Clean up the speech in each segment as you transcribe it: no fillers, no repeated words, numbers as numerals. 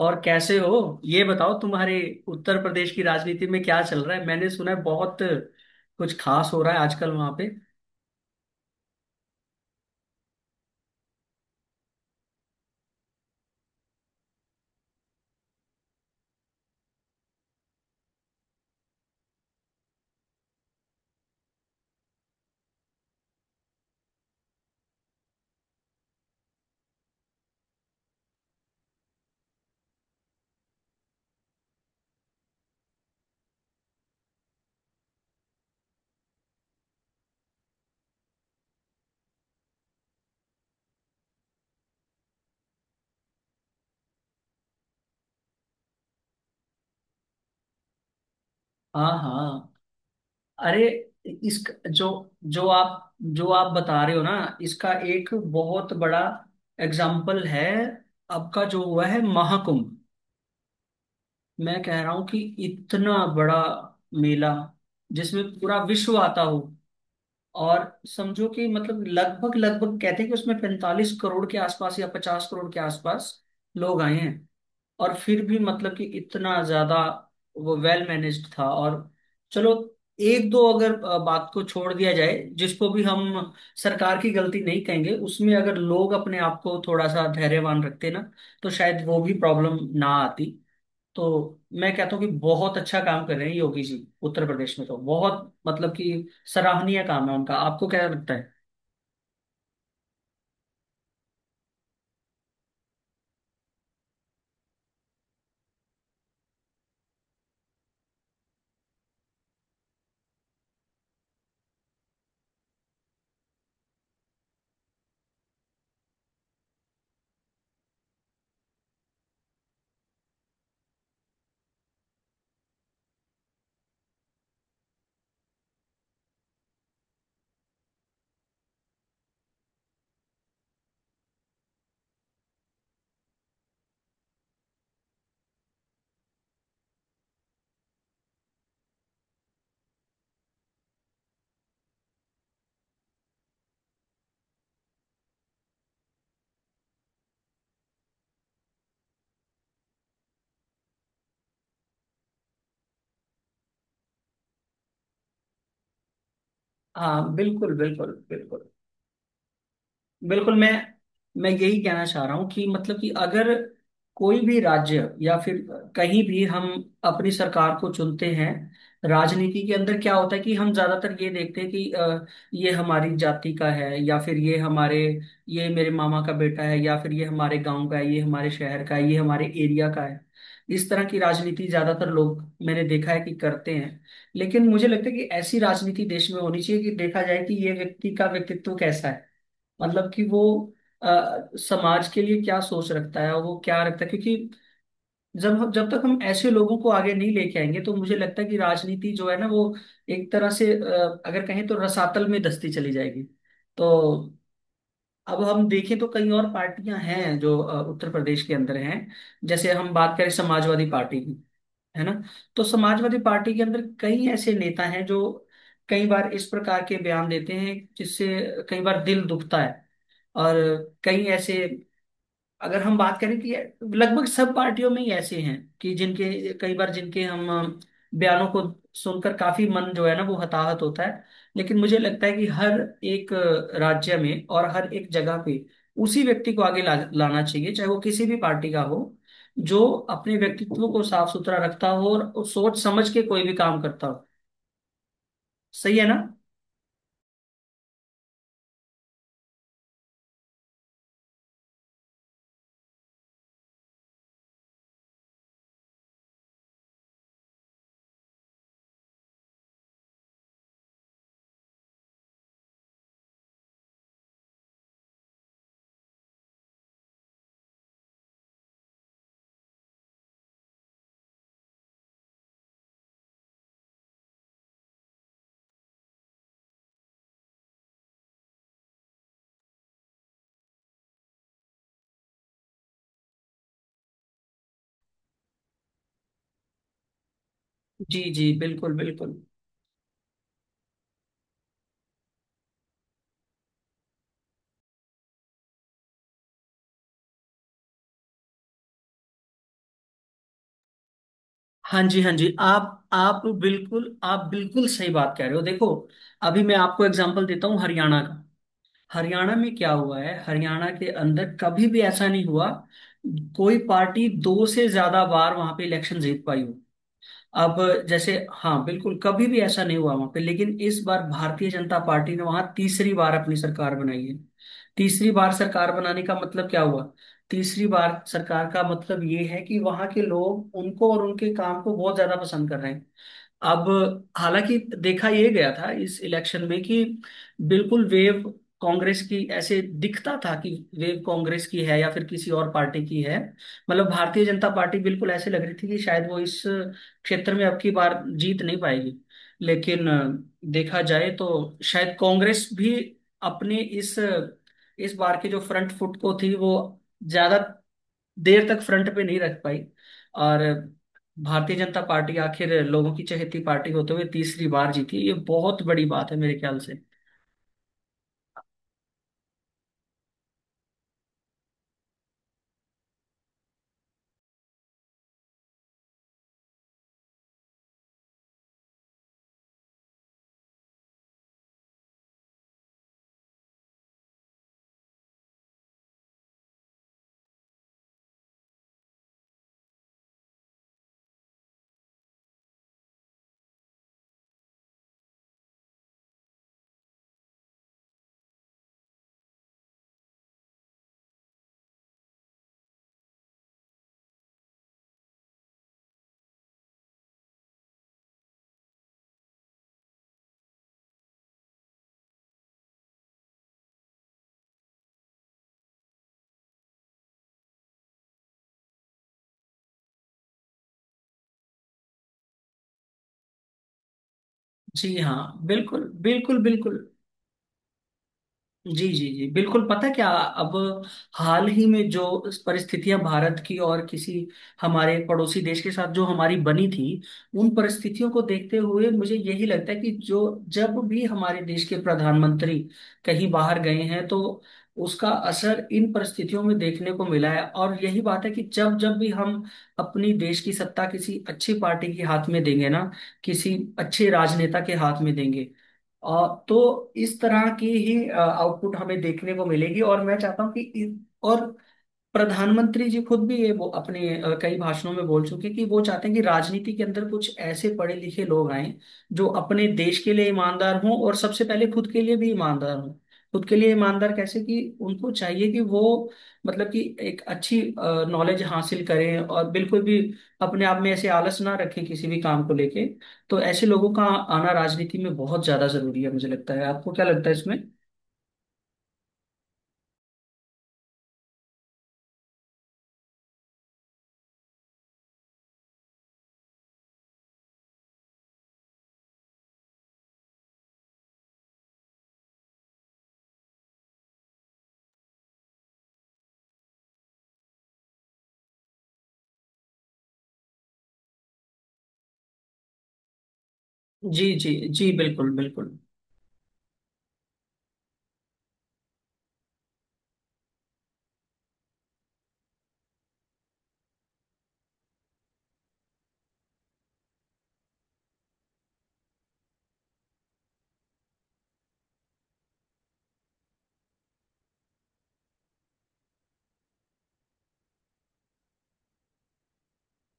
और कैसे हो, ये बताओ, तुम्हारे उत्तर प्रदेश की राजनीति में क्या चल रहा है। मैंने सुना है बहुत कुछ खास हो रहा है आजकल वहां पे। हाँ, हाँ। अरे, इस जो जो आप बता रहे हो ना, इसका एक बहुत बड़ा एग्जाम्पल है आपका जो हुआ है महाकुंभ। मैं कह रहा हूँ कि इतना बड़ा मेला, जिसमें पूरा विश्व आता हो, और समझो कि मतलब लगभग लगभग कहते हैं कि उसमें 45 करोड़ के आसपास या 50 करोड़ के आसपास लोग आए हैं। और फिर भी मतलब कि इतना ज्यादा वो वेल मैनेज्ड था। और चलो, एक दो अगर बात को छोड़ दिया जाए, जिसको भी हम सरकार की गलती नहीं कहेंगे, उसमें अगर लोग अपने आप को थोड़ा सा धैर्यवान रखते ना, तो शायद वो भी प्रॉब्लम ना आती। तो मैं कहता हूँ कि बहुत अच्छा काम कर रहे हैं योगी जी, उत्तर प्रदेश में। तो बहुत मतलब कि सराहनीय काम है उनका। आपको क्या लगता है? हाँ, बिल्कुल, बिल्कुल, बिल्कुल। बिल्कुल मैं यही कहना चाह रहा हूँ कि मतलब कि अगर कोई भी राज्य या फिर कहीं भी हम अपनी सरकार को चुनते हैं, राजनीति के अंदर क्या होता है कि हम ज्यादातर ये देखते हैं कि ये हमारी जाति का है, या फिर ये मेरे मामा का बेटा है, या फिर ये हमारे गांव का है, ये हमारे शहर का है, ये हमारे एरिया का है। इस तरह की राजनीति ज्यादातर लोग, मैंने देखा है कि, करते हैं। लेकिन मुझे लगता है कि ऐसी राजनीति देश में होनी चाहिए कि देखा जाए कि ये व्यक्ति का व्यक्तित्व कैसा है। मतलब कि वो आ, समाज के लिए क्या सोच रखता है और वो क्या रखता है, क्योंकि जब जब तक हम ऐसे लोगों को आगे नहीं लेके आएंगे, तो मुझे लगता है कि राजनीति जो है ना वो एक तरह से, अगर कहें तो, रसातल में धंसती चली जाएगी। तो अब हम देखें तो कई और पार्टियां हैं जो उत्तर प्रदेश के अंदर हैं। जैसे हम बात करें समाजवादी पार्टी की, है ना, तो समाजवादी पार्टी के अंदर कई ऐसे नेता हैं जो कई बार इस प्रकार के बयान देते हैं, जिससे कई बार दिल दुखता है। और कई ऐसे, अगर हम बात करें कि लगभग सब पार्टियों में ही ऐसे हैं कि जिनके कई बार जिनके हम अ, बयानों को सुनकर काफी मन जो है ना वो हताहत होता है। लेकिन मुझे लगता है कि हर एक राज्य में और हर एक जगह पे उसी व्यक्ति को आगे लाना चाहिए, चाहे वो किसी भी पार्टी का हो, जो अपने व्यक्तित्व को साफ सुथरा रखता हो और सोच समझ के कोई भी काम करता हो। सही है ना? जी, जी, बिल्कुल, बिल्कुल। हाँ जी, हाँ जी, आप बिल्कुल सही बात कह रहे हो। देखो, अभी मैं आपको एग्जांपल देता हूँ हरियाणा का। हरियाणा में क्या हुआ है, हरियाणा के अंदर कभी भी ऐसा नहीं हुआ कोई पार्टी दो से ज्यादा बार वहां पे इलेक्शन जीत पाई हो। अब जैसे, हाँ, बिल्कुल, कभी भी ऐसा नहीं हुआ वहां पे, लेकिन इस बार भारतीय जनता पार्टी ने वहां तीसरी बार अपनी सरकार बनाई है। तीसरी बार सरकार बनाने का मतलब क्या हुआ? तीसरी बार सरकार का मतलब ये है कि वहां के लोग उनको और उनके काम को बहुत ज्यादा पसंद कर रहे हैं। अब हालांकि देखा ये गया था इस इलेक्शन में कि बिल्कुल वेव कांग्रेस की, ऐसे दिखता था कि वेव कांग्रेस की है या फिर किसी और पार्टी की है। मतलब भारतीय जनता पार्टी बिल्कुल ऐसे लग रही थी कि शायद वो इस क्षेत्र में अब की बार जीत नहीं पाएगी। लेकिन देखा जाए तो शायद कांग्रेस भी अपने इस बार के जो फ्रंट फुट को थी, वो ज्यादा देर तक फ्रंट पे नहीं रख पाई, और भारतीय जनता पार्टी आखिर लोगों की चहेती पार्टी होते हुए तीसरी बार जीती। ये बहुत बड़ी बात है मेरे ख्याल से। जी हाँ, बिल्कुल, बिल्कुल, बिल्कुल। जी, जी, जी, बिल्कुल। पता क्या, अब हाल ही में जो परिस्थितियां भारत की और किसी हमारे पड़ोसी देश के साथ जो हमारी बनी थी, उन परिस्थितियों को देखते हुए मुझे यही लगता है कि जो जब भी हमारे देश के प्रधानमंत्री कहीं बाहर गए हैं, तो उसका असर इन परिस्थितियों में देखने को मिला है। और यही बात है कि जब जब भी हम अपनी देश की सत्ता किसी अच्छी पार्टी के हाथ में देंगे ना, किसी अच्छे राजनेता के हाथ में देंगे, तो इस तरह की ही आउटपुट हमें देखने को मिलेगी। और मैं चाहता हूँ कि और प्रधानमंत्री जी खुद भी ये वो अपने कई भाषणों में बोल चुके कि वो चाहते हैं कि राजनीति के अंदर कुछ ऐसे पढ़े लिखे लोग आए जो अपने देश के लिए ईमानदार हों और सबसे पहले खुद के लिए भी ईमानदार हों। खुद के लिए ईमानदार कैसे, कि उनको चाहिए कि वो मतलब कि एक अच्छी नॉलेज हासिल करें और बिल्कुल भी अपने आप में ऐसे आलस ना रखें किसी भी काम को लेके। तो ऐसे लोगों का आना राजनीति में बहुत ज्यादा जरूरी है मुझे लगता है। आपको क्या लगता है इसमें? जी, जी, जी, बिल्कुल, बिल्कुल।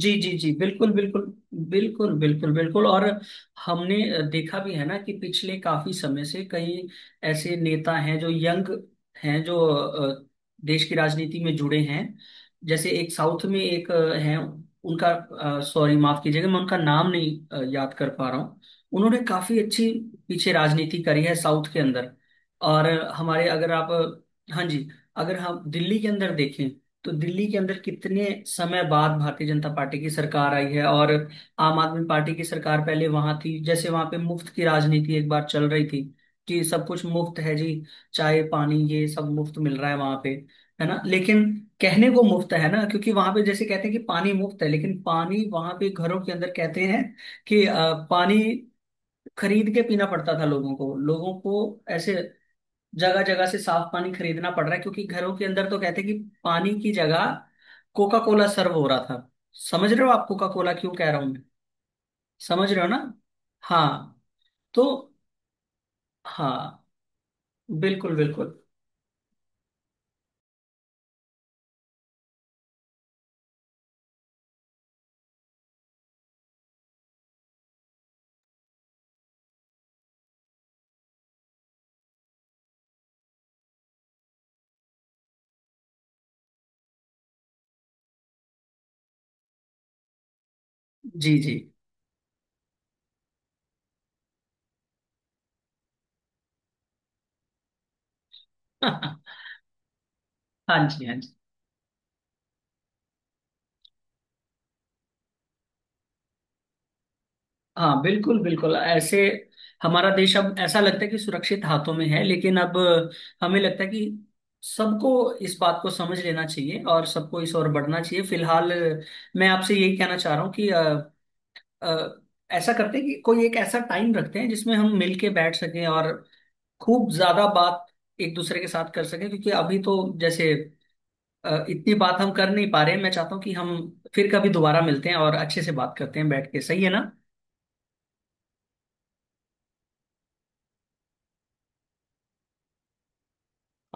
जी, जी, जी, बिल्कुल, बिल्कुल, बिल्कुल। बिल्कुल, बिल्कुल, और हमने देखा भी है ना कि पिछले काफी समय से कई ऐसे नेता हैं जो यंग हैं, जो देश की राजनीति में जुड़े हैं। जैसे एक साउथ में एक हैं, उनका, सॉरी, माफ कीजिएगा, मैं उनका नाम नहीं याद कर पा रहा हूँ। उन्होंने काफी अच्छी पीछे राजनीति करी है साउथ के अंदर। और हमारे, अगर आप, हाँ जी, अगर हम दिल्ली के अंदर देखें, तो दिल्ली के अंदर कितने समय बाद भारतीय जनता पार्टी की सरकार आई है। और आम आदमी पार्टी की सरकार पहले वहां थी, जैसे वहां पे मुफ्त की राजनीति एक बार चल रही थी कि सब कुछ मुफ्त है जी। चाय पानी ये सब मुफ्त मिल रहा है वहां पे, है ना? लेकिन कहने को मुफ्त है ना, क्योंकि वहां पे जैसे कहते हैं कि पानी मुफ्त है, लेकिन पानी वहां पे घरों के अंदर कहते हैं कि पानी खरीद के पीना पड़ता था लोगों को। लोगों को ऐसे जगह जगह से साफ पानी खरीदना पड़ रहा है, क्योंकि घरों के अंदर तो कहते हैं कि पानी की जगह कोका कोला सर्व हो रहा था। समझ रहे हो आप कोका कोला क्यों कह रहा हूं मैं? समझ रहे हो ना? हाँ, तो, हाँ, बिल्कुल, बिल्कुल। जी, जी। हाँ जी, हाँ जी, हाँ, बिल्कुल, बिल्कुल। ऐसे हमारा देश अब ऐसा लगता है कि सुरक्षित हाथों में है। लेकिन अब हमें लगता है कि सबको इस बात को समझ लेना चाहिए और सबको इस ओर बढ़ना चाहिए। फिलहाल मैं आपसे यही कहना चाह रहा हूँ कि अ, ऐसा करते हैं कि कोई एक ऐसा टाइम रखते हैं जिसमें हम मिल के बैठ सकें और खूब ज्यादा बात एक दूसरे के साथ कर सकें, क्योंकि अभी तो जैसे इतनी बात हम कर नहीं पा रहे हैं। मैं चाहता हूँ कि हम फिर कभी दोबारा मिलते हैं और अच्छे से बात करते हैं बैठ के। सही है ना?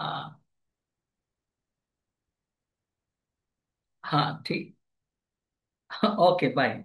हाँ, हाँ, ठीक। Okay, bye.